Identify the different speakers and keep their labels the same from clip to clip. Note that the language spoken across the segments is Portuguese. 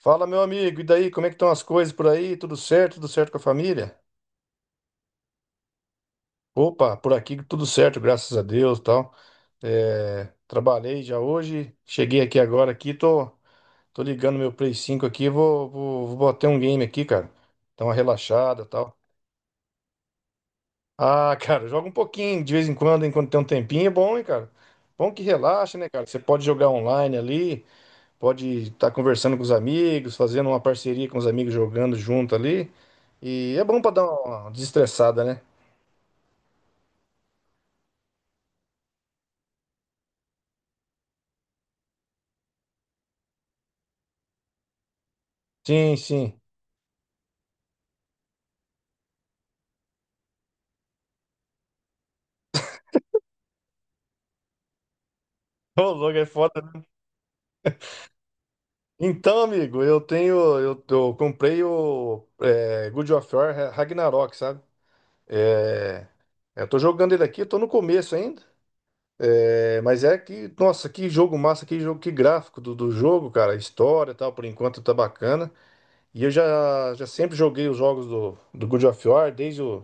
Speaker 1: Fala, meu amigo, e daí? Como é que estão as coisas por aí? Tudo certo? Tudo certo com a família? Opa, por aqui tudo certo, graças a Deus, tal. É, trabalhei já hoje, cheguei aqui agora aqui, tô ligando meu Play 5 aqui, vou bater um game aqui, cara. Dá uma relaxada, tal. Ah, cara, joga um pouquinho, de vez em quando, enquanto tem um tempinho, é bom, hein, cara? Bom que relaxa, né, cara? Você pode jogar online ali, pode estar conversando com os amigos, fazendo uma parceria com os amigos jogando junto ali. E é bom para dar uma desestressada, né? Sim, sim. Ô, logo é foda, né? Então, amigo, eu tenho. Eu comprei o God of War Ragnarok, sabe? É, eu tô jogando ele aqui, eu tô no começo ainda. Mas é que, nossa, que jogo massa, que jogo, que gráfico do jogo, cara. A história e tal, por enquanto tá bacana. E eu já sempre joguei os jogos do God of War, desde o.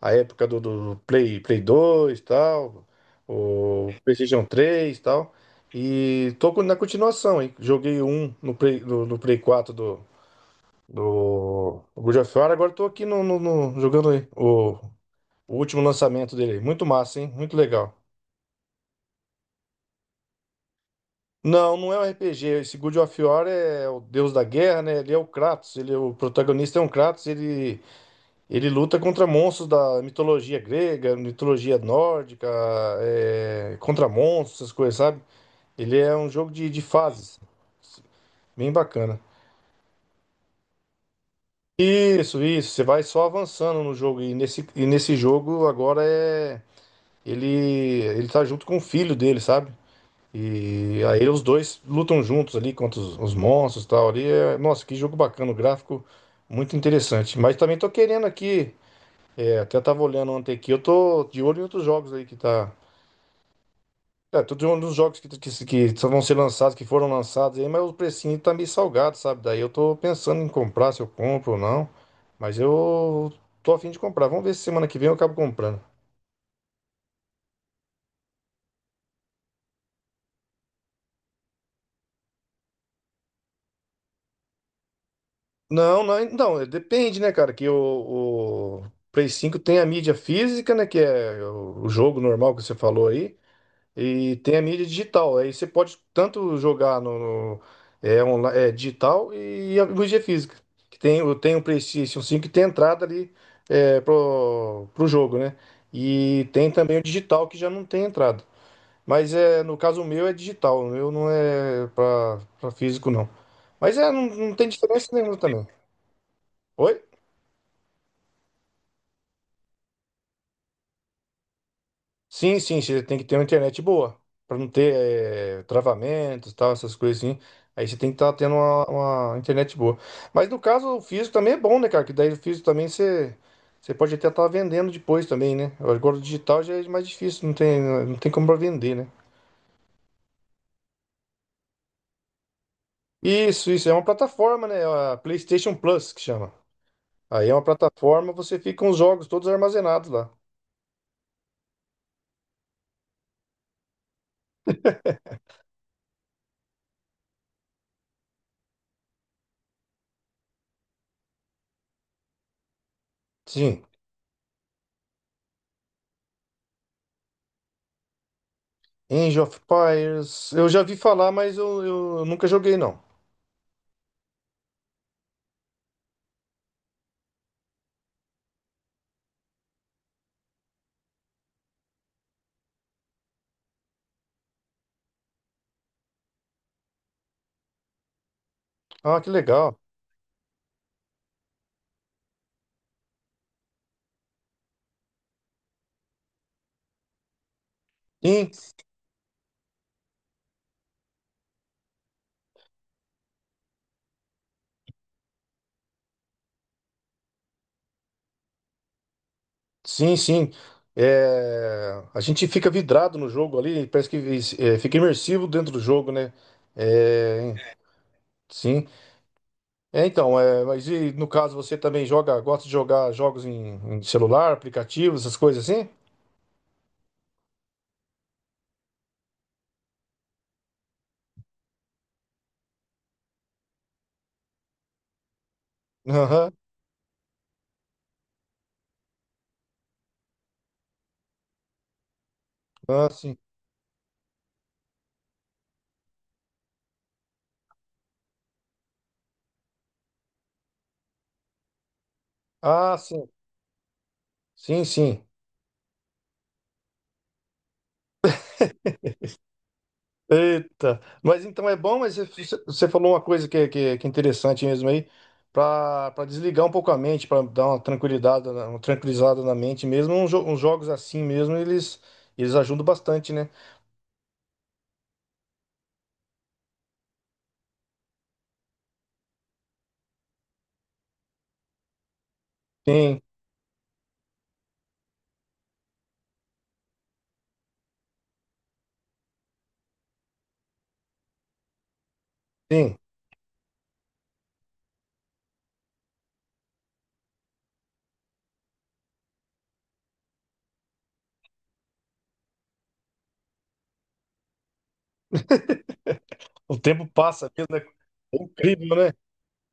Speaker 1: A época do Play 2 tal, o PlayStation 3 tal. E tô na continuação, hein? Joguei um no Play 4 do God of War, agora tô aqui jogando aí o último lançamento dele, aí. Muito massa, hein? Muito legal. Não, não é um RPG. Esse God of War é o deus da guerra, né? Ele é o Kratos, ele é o protagonista é um Kratos. Ele luta contra monstros da mitologia grega, mitologia nórdica, contra monstros, essas coisas, sabe? Ele é um jogo de fases. Bem bacana. Isso, isso. Você vai só avançando no jogo. E nesse jogo agora é. Ele tá junto com o filho dele, sabe? E aí os dois lutam juntos ali contra os monstros e tal. Ali é, nossa, que jogo bacana. O gráfico muito interessante. Mas também tô querendo aqui. É, até tava olhando ontem aqui. Eu tô de olho em outros jogos aí que tá. Tô de olho nos jogos que só vão ser lançados, que foram lançados aí, mas o precinho tá meio salgado, sabe? Daí eu tô pensando em comprar, se eu compro ou não. Mas eu tô a fim de comprar. Vamos ver se semana que vem eu acabo comprando. Não, não, então, depende, né, cara? Que o Play 5 tem a mídia física, né? Que é o jogo normal que você falou aí. E tem a mídia digital. Aí você pode tanto jogar no- digital e a mídia física. Tem o PlayStation 5 que tem entrada ali pro jogo, né? E tem também o digital que já não tem entrada. Mas no caso meu é digital, o meu não é para físico, não. Mas não, não tem diferença nenhuma também. Oi? Sim, sim, você tem que ter uma internet boa, para não ter travamentos, tal, essas coisas assim. Aí você tem que estar tendo uma internet boa. Mas no caso, o físico também é bom, né, cara? Que daí o físico também você pode até estar vendendo depois também, né? Agora o digital já é mais difícil, não tem como pra vender, né? Isso, é uma plataforma, né? A PlayStation Plus que chama. Aí é uma plataforma, você fica com os jogos todos armazenados lá. Sim, Age of Empires, eu já vi falar, mas eu nunca joguei, não. Ah, que legal. Sim, sim, sim. É, a gente fica vidrado no jogo ali, parece que fica imersivo dentro do jogo, né? É, sim. É, então, mas e no caso você também joga, gosta de jogar jogos em celular, aplicativos, essas coisas assim? Aham, ah, sim. Ah, sim. Sim, sim. Eita, mas então é bom, mas você falou uma coisa que é interessante mesmo aí, para desligar um pouco a mente, para dar uma tranquilidade, uma tranquilizada na mente mesmo, uns jogos assim mesmo, eles ajudam bastante, né? Sim, sim, o tempo passa mesmo, né? É incrível, né?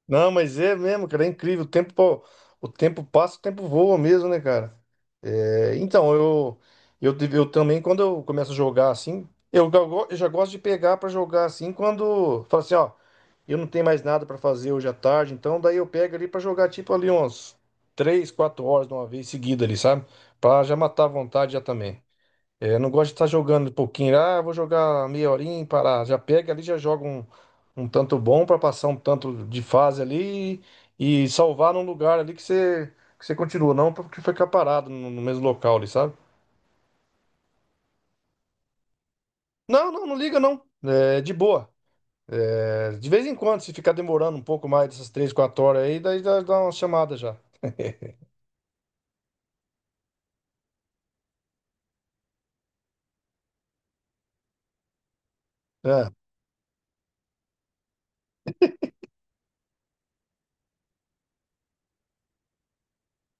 Speaker 1: Não, mas é mesmo, cara, é incrível. O tempo passa, o tempo voa mesmo, né, cara? Então, eu também, quando eu começo a jogar assim, eu já gosto de pegar pra jogar assim, quando fala assim, ó, eu não tenho mais nada pra fazer hoje à tarde, então daí eu pego ali pra jogar tipo ali uns 3, 4 horas de uma vez seguida ali, sabe? Pra já matar a vontade já também. É, eu não gosto de estar jogando um pouquinho. Ah, vou jogar meia horinha, e parar. Já pega ali, já joga um tanto bom para passar um tanto de fase ali e salvar num lugar ali que você continua. Não porque ficar parado no mesmo local ali, sabe? Não, não, não liga não. É de boa. É, de vez em quando, se ficar demorando um pouco mais dessas 3, 4 horas aí, daí dá uma chamada já. É,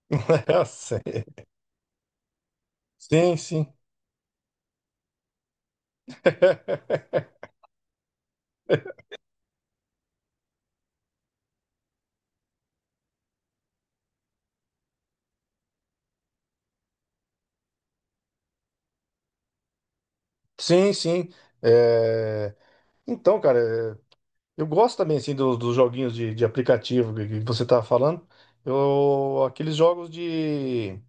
Speaker 1: eu sei. Sim, sim. Sim, sim. É, Então, cara. Eu gosto também, assim, dos joguinhos de aplicativo que você tá falando. Eu, aqueles jogos de...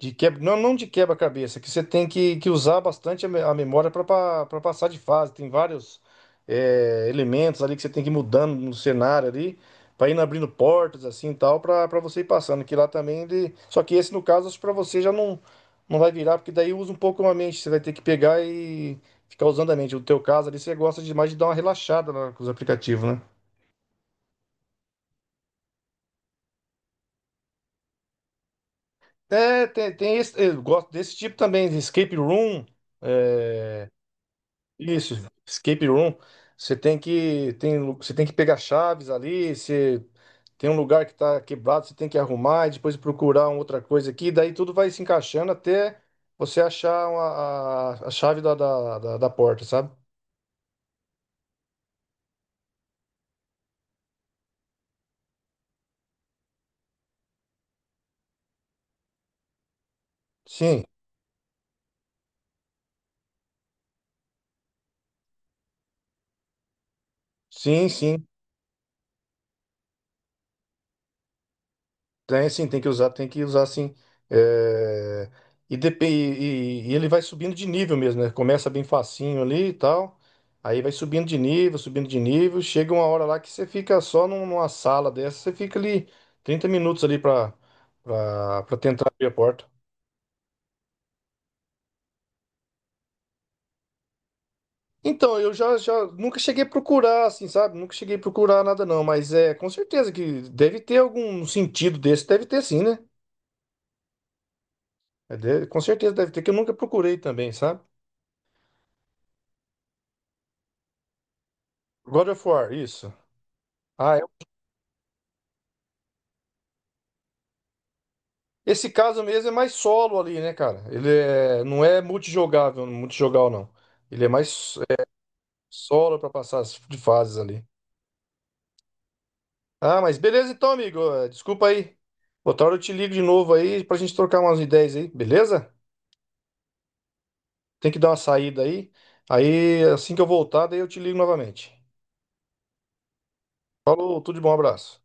Speaker 1: De quebra, não, não de quebra-cabeça, que você tem que usar bastante a memória para passar de fase. Tem vários elementos ali que você tem que ir mudando no cenário ali, para ir abrindo portas assim e tal, para você ir passando. Que lá também ele. Só que esse, no caso, acho que para você já não vai virar, porque daí usa um pouco a mente. Você vai ter que pegar e ficar usando a mente. No teu caso ali, você gosta demais de dar uma relaxada lá com os aplicativos, né? É, tem esse, eu gosto desse tipo também, de escape room. Isso, escape room. Você tem que pegar chaves ali, você tem um lugar que tá quebrado, você tem que arrumar e depois procurar uma outra coisa aqui, daí tudo vai se encaixando até você achar a chave da porta, sabe? Sim, sim, sim. Tem sim, tem que usar sim. É, E, ele vai subindo de nível mesmo, né? Começa bem facinho ali e tal. Aí vai subindo de nível, subindo de nível. Chega uma hora lá que você fica só numa sala dessa, você fica ali 30 minutos ali pra tentar abrir a porta. Então, eu já nunca cheguei a procurar, assim, sabe? Nunca cheguei a procurar nada, não. Mas é com certeza que deve ter algum sentido desse, deve ter sim, né? Com certeza deve ter, que eu nunca procurei também, sabe? God of War, isso. Ah, esse caso mesmo é mais solo ali, né, cara? Ele é, não é multijogável, multijogal não. Ele é mais solo pra passar as de fases ali. Ah, mas beleza então, amigo. Desculpa aí. Outra hora eu te ligo de novo aí pra gente trocar umas ideias aí, beleza? Tem que dar uma saída aí. Aí assim que eu voltar, daí eu te ligo novamente. Falou, tudo de bom, abraço.